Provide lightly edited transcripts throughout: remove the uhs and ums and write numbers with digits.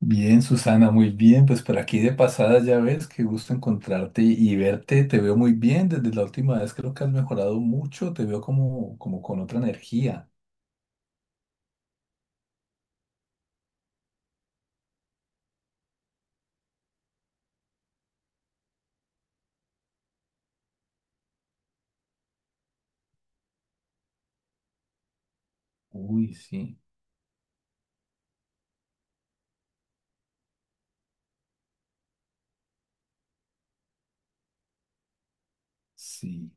Bien, Susana, muy bien. Pues por aquí de pasada, ya ves, qué gusto encontrarte y verte. Te veo muy bien desde la última vez. Creo que has mejorado mucho. Te veo como, como con otra energía. Uy, sí, sí.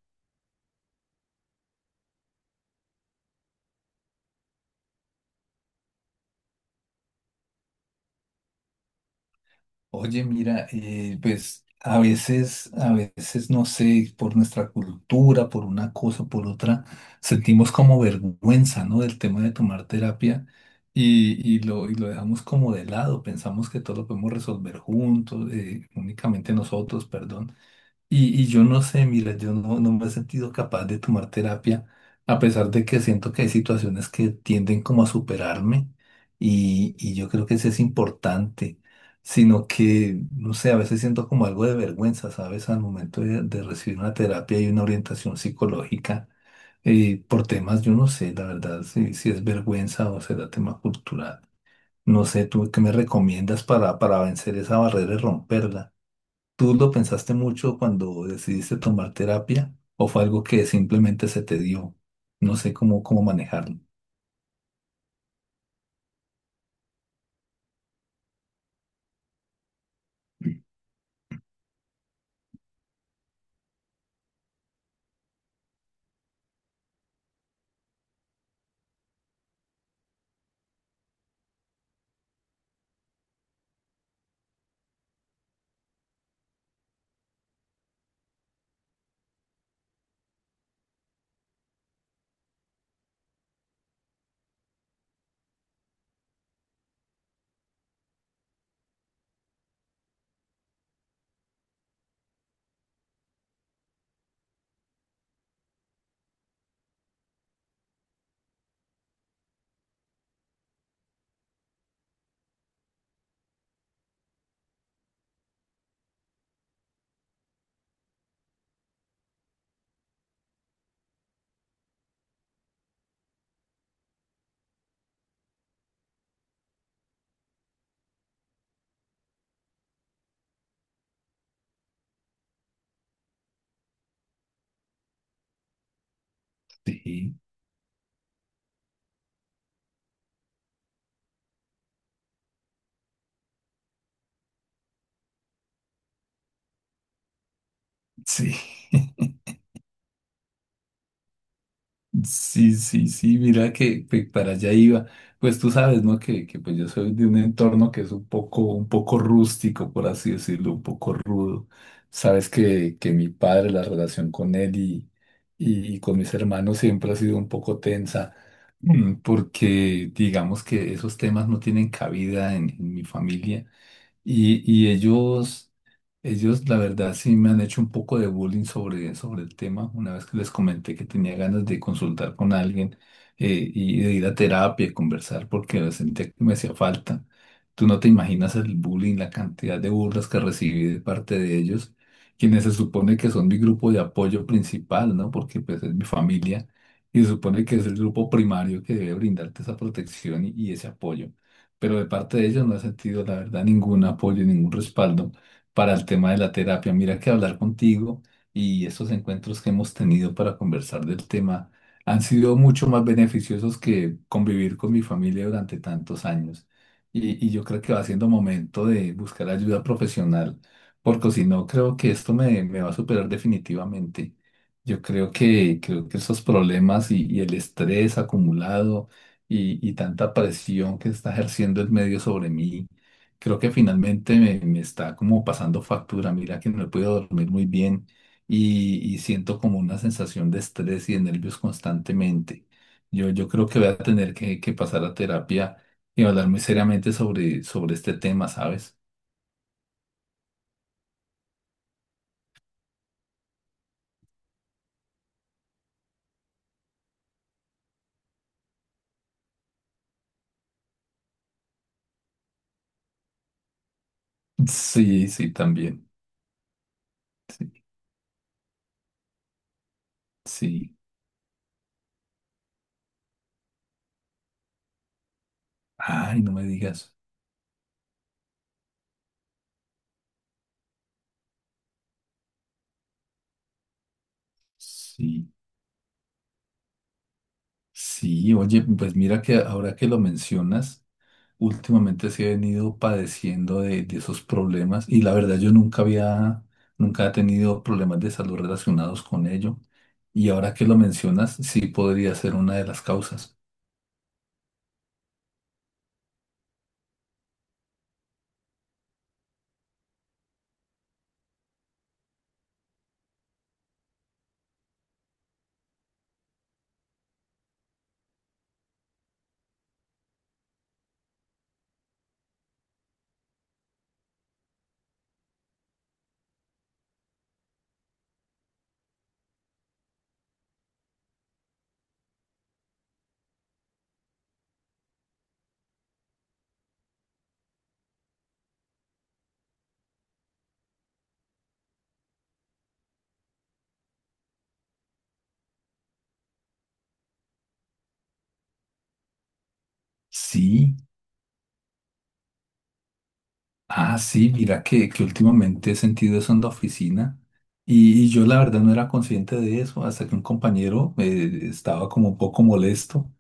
Oye, mira, pues a veces, no sé, por nuestra cultura, por una cosa, por otra, sentimos como vergüenza, ¿no? Del tema de tomar terapia y lo dejamos como de lado. Pensamos que todo lo podemos resolver juntos, únicamente nosotros, perdón. Y yo no sé, mira, yo no, no me he sentido capaz de tomar terapia, a pesar de que siento que hay situaciones que tienden como a superarme y yo creo que eso es importante, sino que, no sé, a veces siento como algo de vergüenza, ¿sabes? Al momento de recibir una terapia y una orientación psicológica, por temas, yo no sé, la verdad, si es vergüenza o será tema cultural. No sé, ¿tú qué me recomiendas para vencer esa barrera y romperla? ¿Tú lo pensaste mucho cuando decidiste tomar terapia o fue algo que simplemente se te dio? No sé cómo, cómo manejarlo. Mm. Sí, sí. Sí, sí, sí, mira que pues, para allá iba. Pues tú sabes, ¿no? Que pues yo soy de un entorno que es un poco rústico, por así decirlo, un poco rudo. Sabes que mi padre, la relación con él y con mis hermanos siempre ha sido un poco tensa, mm, porque digamos que esos temas no tienen cabida en mi familia. Y, y ellos, ellos, la verdad, sí me han hecho un poco de bullying sobre, sobre el tema. Una vez que les comenté que tenía ganas de consultar con alguien, y de ir a terapia y conversar porque sentía que me hacía falta. Tú no te imaginas el bullying, la cantidad de burlas que recibí de parte de ellos, quienes se supone que son mi grupo de apoyo principal, ¿no? Porque pues es mi familia y se supone que es el grupo primario que debe brindarte esa protección y ese apoyo, pero de parte de ellos no he sentido, la verdad, ningún apoyo, ningún respaldo para el tema de la terapia. Mira que hablar contigo y estos encuentros que hemos tenido para conversar del tema han sido mucho más beneficiosos que convivir con mi familia durante tantos años. Y yo creo que va siendo momento de buscar ayuda profesional, porque si no, creo que esto me va a superar definitivamente. Yo creo que esos problemas y el estrés acumulado, y tanta presión que está ejerciendo el medio sobre mí, creo que finalmente me está como pasando factura. Mira que no he podido dormir muy bien y siento como una sensación de estrés y de nervios constantemente. Yo creo que voy a tener que pasar a terapia y hablar muy seriamente sobre, sobre este tema, ¿sabes? Sí, sí, también. Sí, sí. Ay, no me digas. Sí, sí, oye, pues mira que ahora que lo mencionas, últimamente sí he venido padeciendo de esos problemas y la verdad yo nunca había, nunca he tenido problemas de salud relacionados con ello. Y ahora que lo mencionas, sí podría ser una de las causas. Sí, ah, sí, mira que últimamente he sentido eso en la oficina y yo la verdad no era consciente de eso hasta que un compañero, estaba como un poco molesto.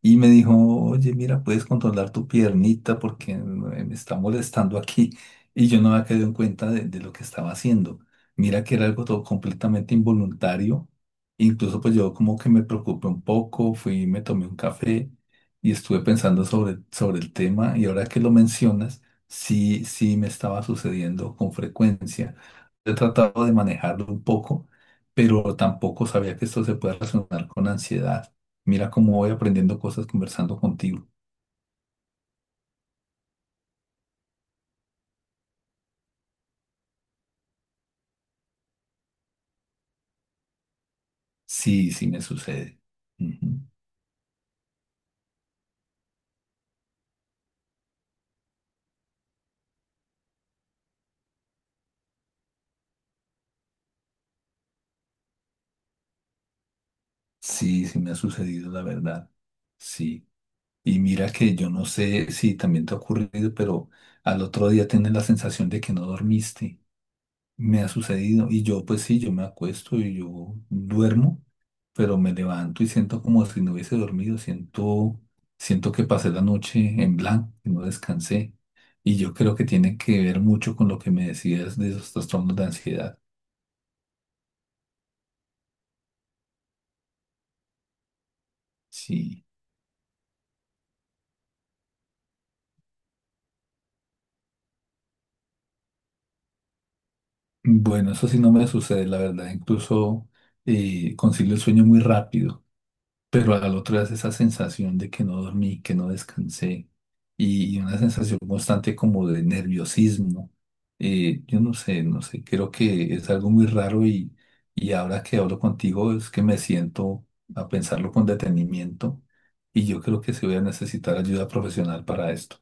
Y me dijo, oye, mira, puedes controlar tu piernita porque me está molestando aquí. Y yo no me había caído en cuenta de lo que estaba haciendo. Mira que era algo todo completamente involuntario. Incluso pues yo como que me preocupé un poco, fui, me tomé un café y estuve pensando sobre, sobre el tema. Y ahora que lo mencionas, sí, sí me estaba sucediendo con frecuencia. He tratado de manejarlo un poco, pero tampoco sabía que esto se puede relacionar con ansiedad. Mira cómo voy aprendiendo cosas conversando contigo. Sí, sí me sucede. Ujú. Sí, sí me ha sucedido, la verdad. Sí. Y mira que yo no sé si también te ha ocurrido, pero al otro día tienes la sensación de que no dormiste. Me ha sucedido. Y yo, pues sí, yo me acuesto y yo duermo, pero me levanto y siento como si no hubiese dormido. Siento, siento que pasé la noche en blanco y no descansé. Y yo creo que tiene que ver mucho con lo que me decías de esos trastornos de ansiedad. Sí. Bueno, eso sí no me sucede, la verdad. Incluso, concilio el sueño muy rápido. Pero al otro es esa sensación de que no dormí, que no descansé y una sensación constante como de nerviosismo. Yo no sé, no sé, creo que es algo muy raro y ahora que hablo contigo es que me siento a pensarlo con detenimiento y yo creo que sí voy a necesitar ayuda profesional para esto.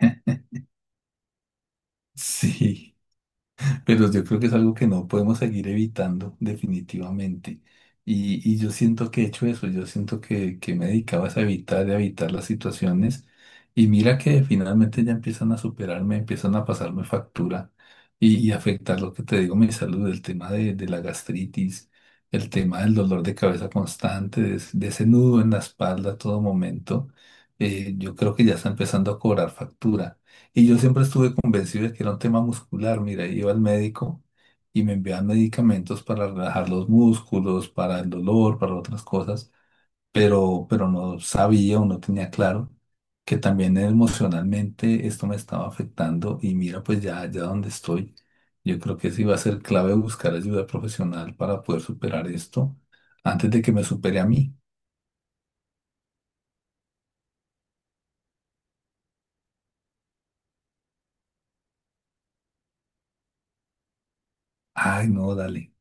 Sí. Pero yo creo que es algo que no podemos seguir evitando definitivamente. Y yo siento que he hecho eso, yo siento que me dedicaba a evitar las situaciones. Y mira que finalmente ya empiezan a superarme, empiezan a pasarme factura y afectar lo que te digo, mi salud, el tema de la gastritis, el tema del dolor de cabeza constante, de, de ese nudo en la espalda a todo momento. Yo creo que ya está empezando a cobrar factura. Y yo siempre estuve convencido de que era un tema muscular. Mira, iba al médico y me enviaban medicamentos para relajar los músculos, para el dolor, para otras cosas, pero no sabía o no tenía claro que también emocionalmente esto me estaba afectando. Y mira, pues ya, ya donde estoy, yo creo que sí va a ser clave buscar ayuda profesional para poder superar esto antes de que me supere a mí. Ay, no, dale.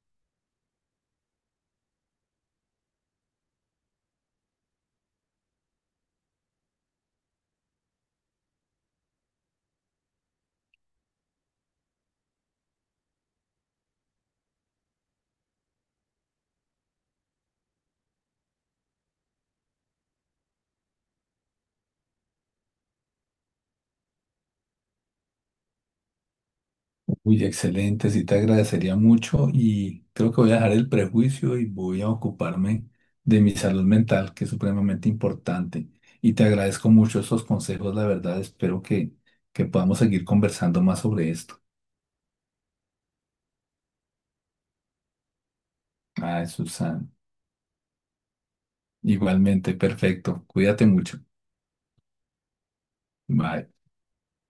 Uy, excelente, sí te agradecería mucho y creo que voy a dejar el prejuicio y voy a ocuparme de mi salud mental, que es supremamente importante. Y te agradezco mucho esos consejos, la verdad, espero que podamos seguir conversando más sobre esto. Ay, Susana, igualmente, perfecto, cuídate mucho. Bye.